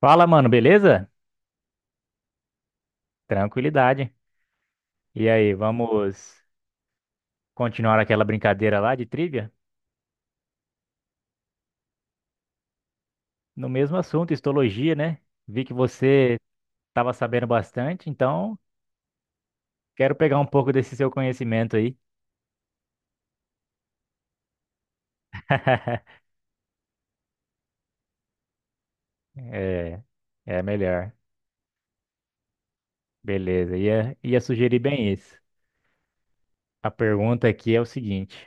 Fala, mano, beleza? Tranquilidade. E aí, vamos continuar aquela brincadeira lá de trivia? No mesmo assunto, histologia, né? Vi que você estava sabendo bastante, então quero pegar um pouco desse seu conhecimento aí. É, é melhor. Beleza, ia sugerir bem isso. A pergunta aqui é o seguinte: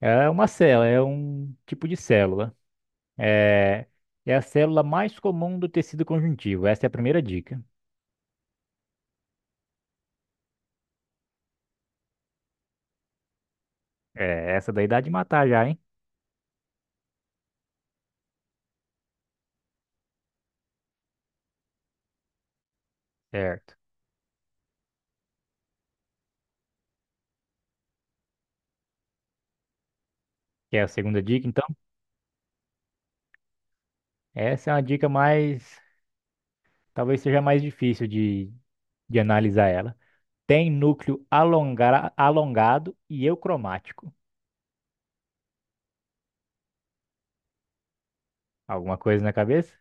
é uma célula, é um tipo de célula. É, é a célula mais comum do tecido conjuntivo. Essa é a primeira dica. É, essa daí dá de matar já, hein? Certo. Que é a segunda dica, então? Essa é uma dica mais. Talvez seja mais difícil de analisar ela. Tem núcleo alongado e eucromático. Alguma coisa na cabeça?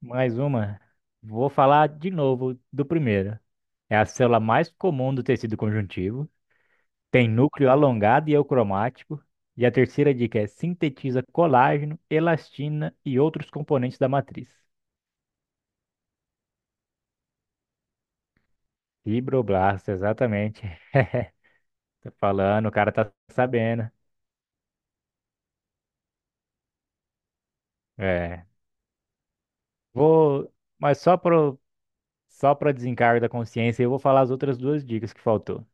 Mais uma. Vou falar de novo do primeiro. É a célula mais comum do tecido conjuntivo. Tem núcleo alongado e eucromático. E a terceira dica é sintetiza colágeno, elastina e outros componentes da matriz. Fibroblasto, exatamente. Tá falando, o cara tá sabendo. É. Vou, mas só para desencargo da consciência, eu vou falar as outras duas dicas que faltou.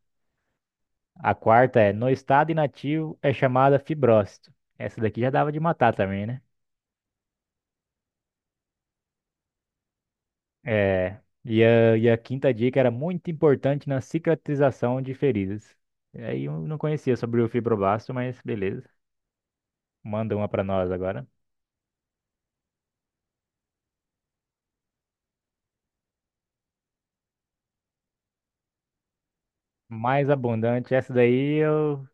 A quarta é, no estado inativo é chamada fibrose. Essa daqui já dava de matar também, né? É. E a quinta dica era muito importante na cicatrização de feridas. E aí eu não conhecia sobre o fibroblasto, mas beleza. Manda uma pra nós agora. Mais abundante, essa daí eu,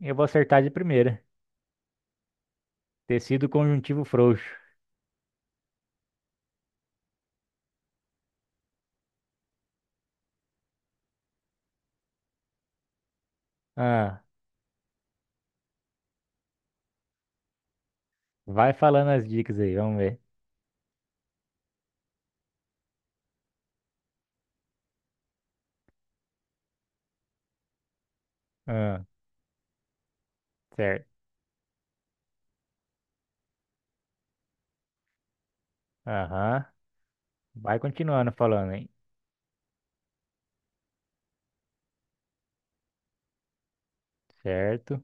eu vou acertar de primeira. Tecido conjuntivo frouxo. Ah, vai falando as dicas aí, vamos ver. Ah, certo. Aham. Vai continuando falando, hein? Certo.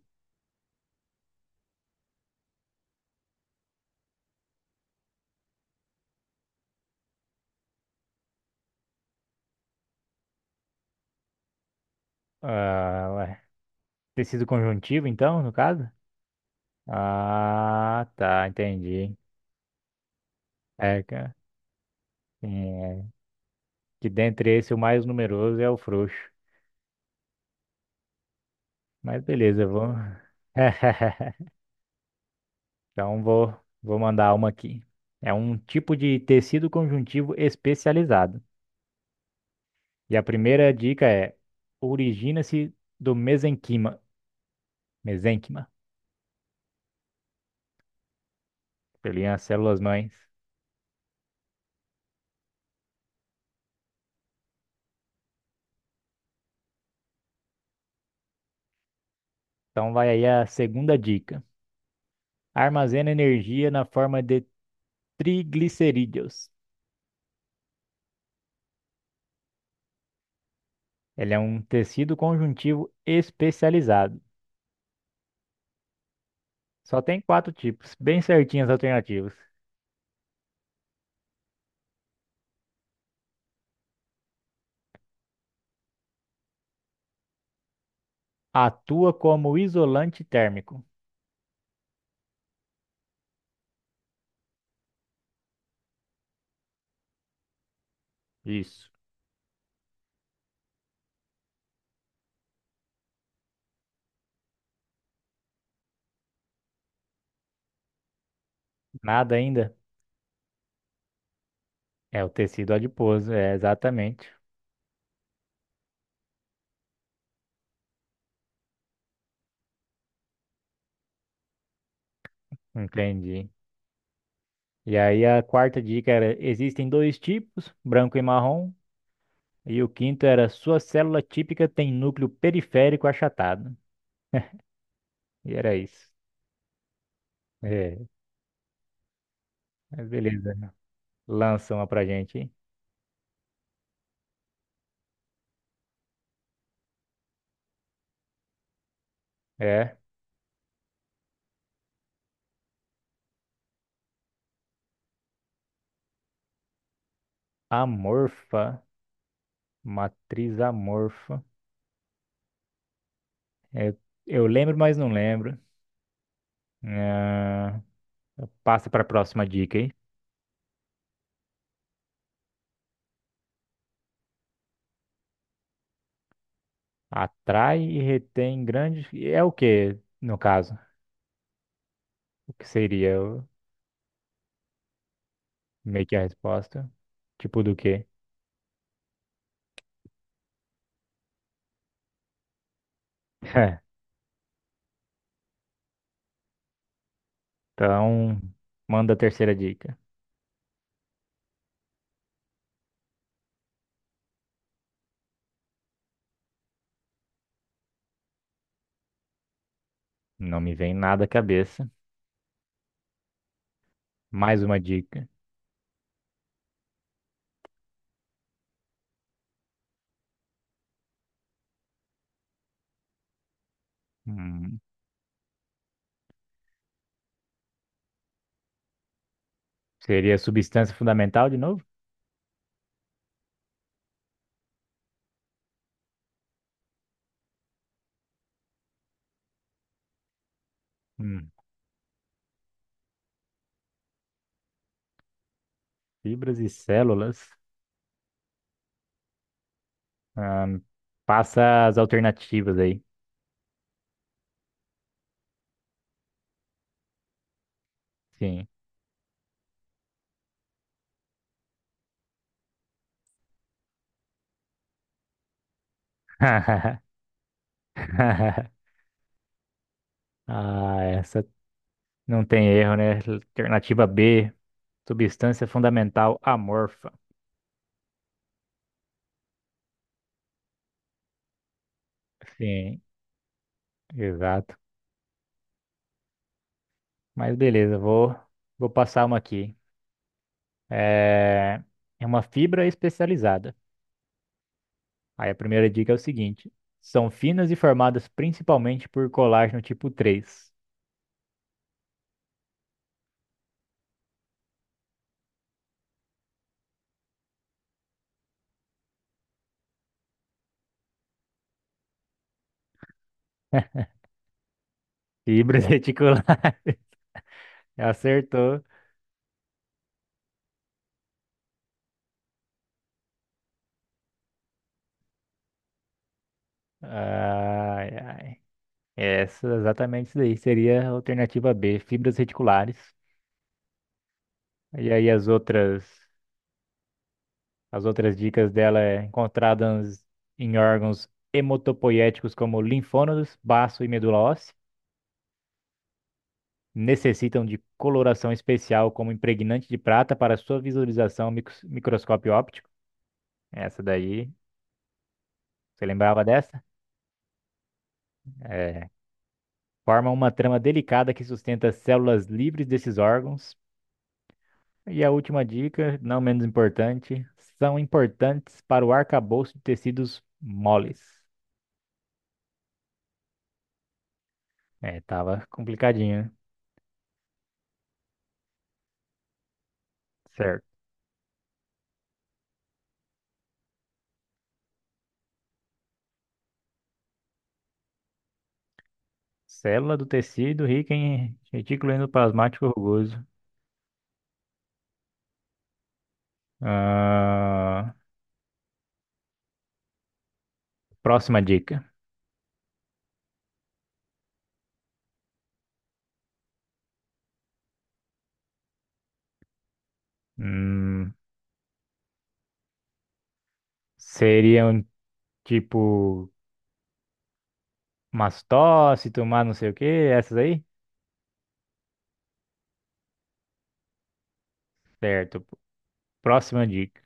Ah, ué. Tecido conjuntivo, então, no caso? Ah, tá, entendi. É, é, que dentre esse o mais numeroso é o frouxo. Mas beleza, eu vou. Então vou mandar uma aqui. É um tipo de tecido conjuntivo especializado. E a primeira dica é: origina-se do mesenquima. Mesenquima. Pelinha, as células mães. Então vai aí a segunda dica. Armazena energia na forma de triglicerídeos. Ele é um tecido conjuntivo especializado. Só tem quatro tipos, bem certinhas as alternativas. Atua como isolante térmico. Isso. Nada ainda? É o tecido adiposo, é exatamente. Entendi. E aí a quarta dica era: existem dois tipos, branco e marrom. E o quinto era: sua célula típica tem núcleo periférico achatado. E era isso. É, mas beleza. Lança uma pra gente, hein? É. Amorfa. Matriz amorfa. É, eu lembro, mas não lembro. Ah, passa pra próxima dica, hein? Atrai e retém grandes. É o que no caso? O que seria o- meio que a resposta? Tipo do quê? Então, manda a terceira dica. Não me vem nada à cabeça. Mais uma dica. Hum, seria substância fundamental de novo? Hum, Fibras e células. Ah, passa as alternativas aí. Sim. Ah, essa não tem erro, né? Alternativa B, substância fundamental amorfa. Sim, exato. Mas beleza, vou passar uma aqui. É, é uma fibra especializada. Aí a primeira dica é o seguinte: são finas e formadas principalmente por colágeno tipo três. Fibras reticulares. Acertou. Ai, ai. Essa, exatamente isso daí. Seria a alternativa B, fibras reticulares. E aí as outras dicas dela é encontradas em órgãos hematopoiéticos como linfônodos, baço e medula óssea. Necessitam de coloração especial como impregnante de prata para sua visualização microscópio óptico. Essa daí, você lembrava dessa? É. Formam uma trama delicada que sustenta as células livres desses órgãos. E a última dica, não menos importante, são importantes para o arcabouço de tecidos moles. É, tava complicadinho, né? Certo. Célula do tecido rica em retículo endoplasmático rugoso. Ah, próxima dica. Hum, seriam tipo mastócito, mas não sei o que, essas aí? Certo. Próxima dica.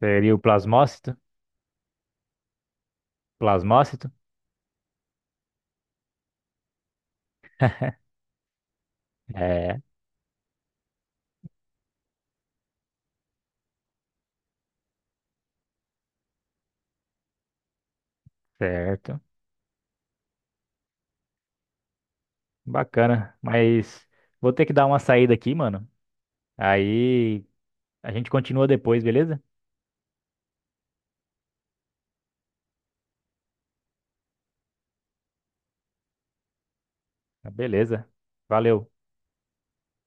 Seria o plasmócito? Plasmócito? É, certo. Bacana. Mas vou ter que dar uma saída aqui, mano. Aí a gente continua depois, beleza? Beleza. Valeu.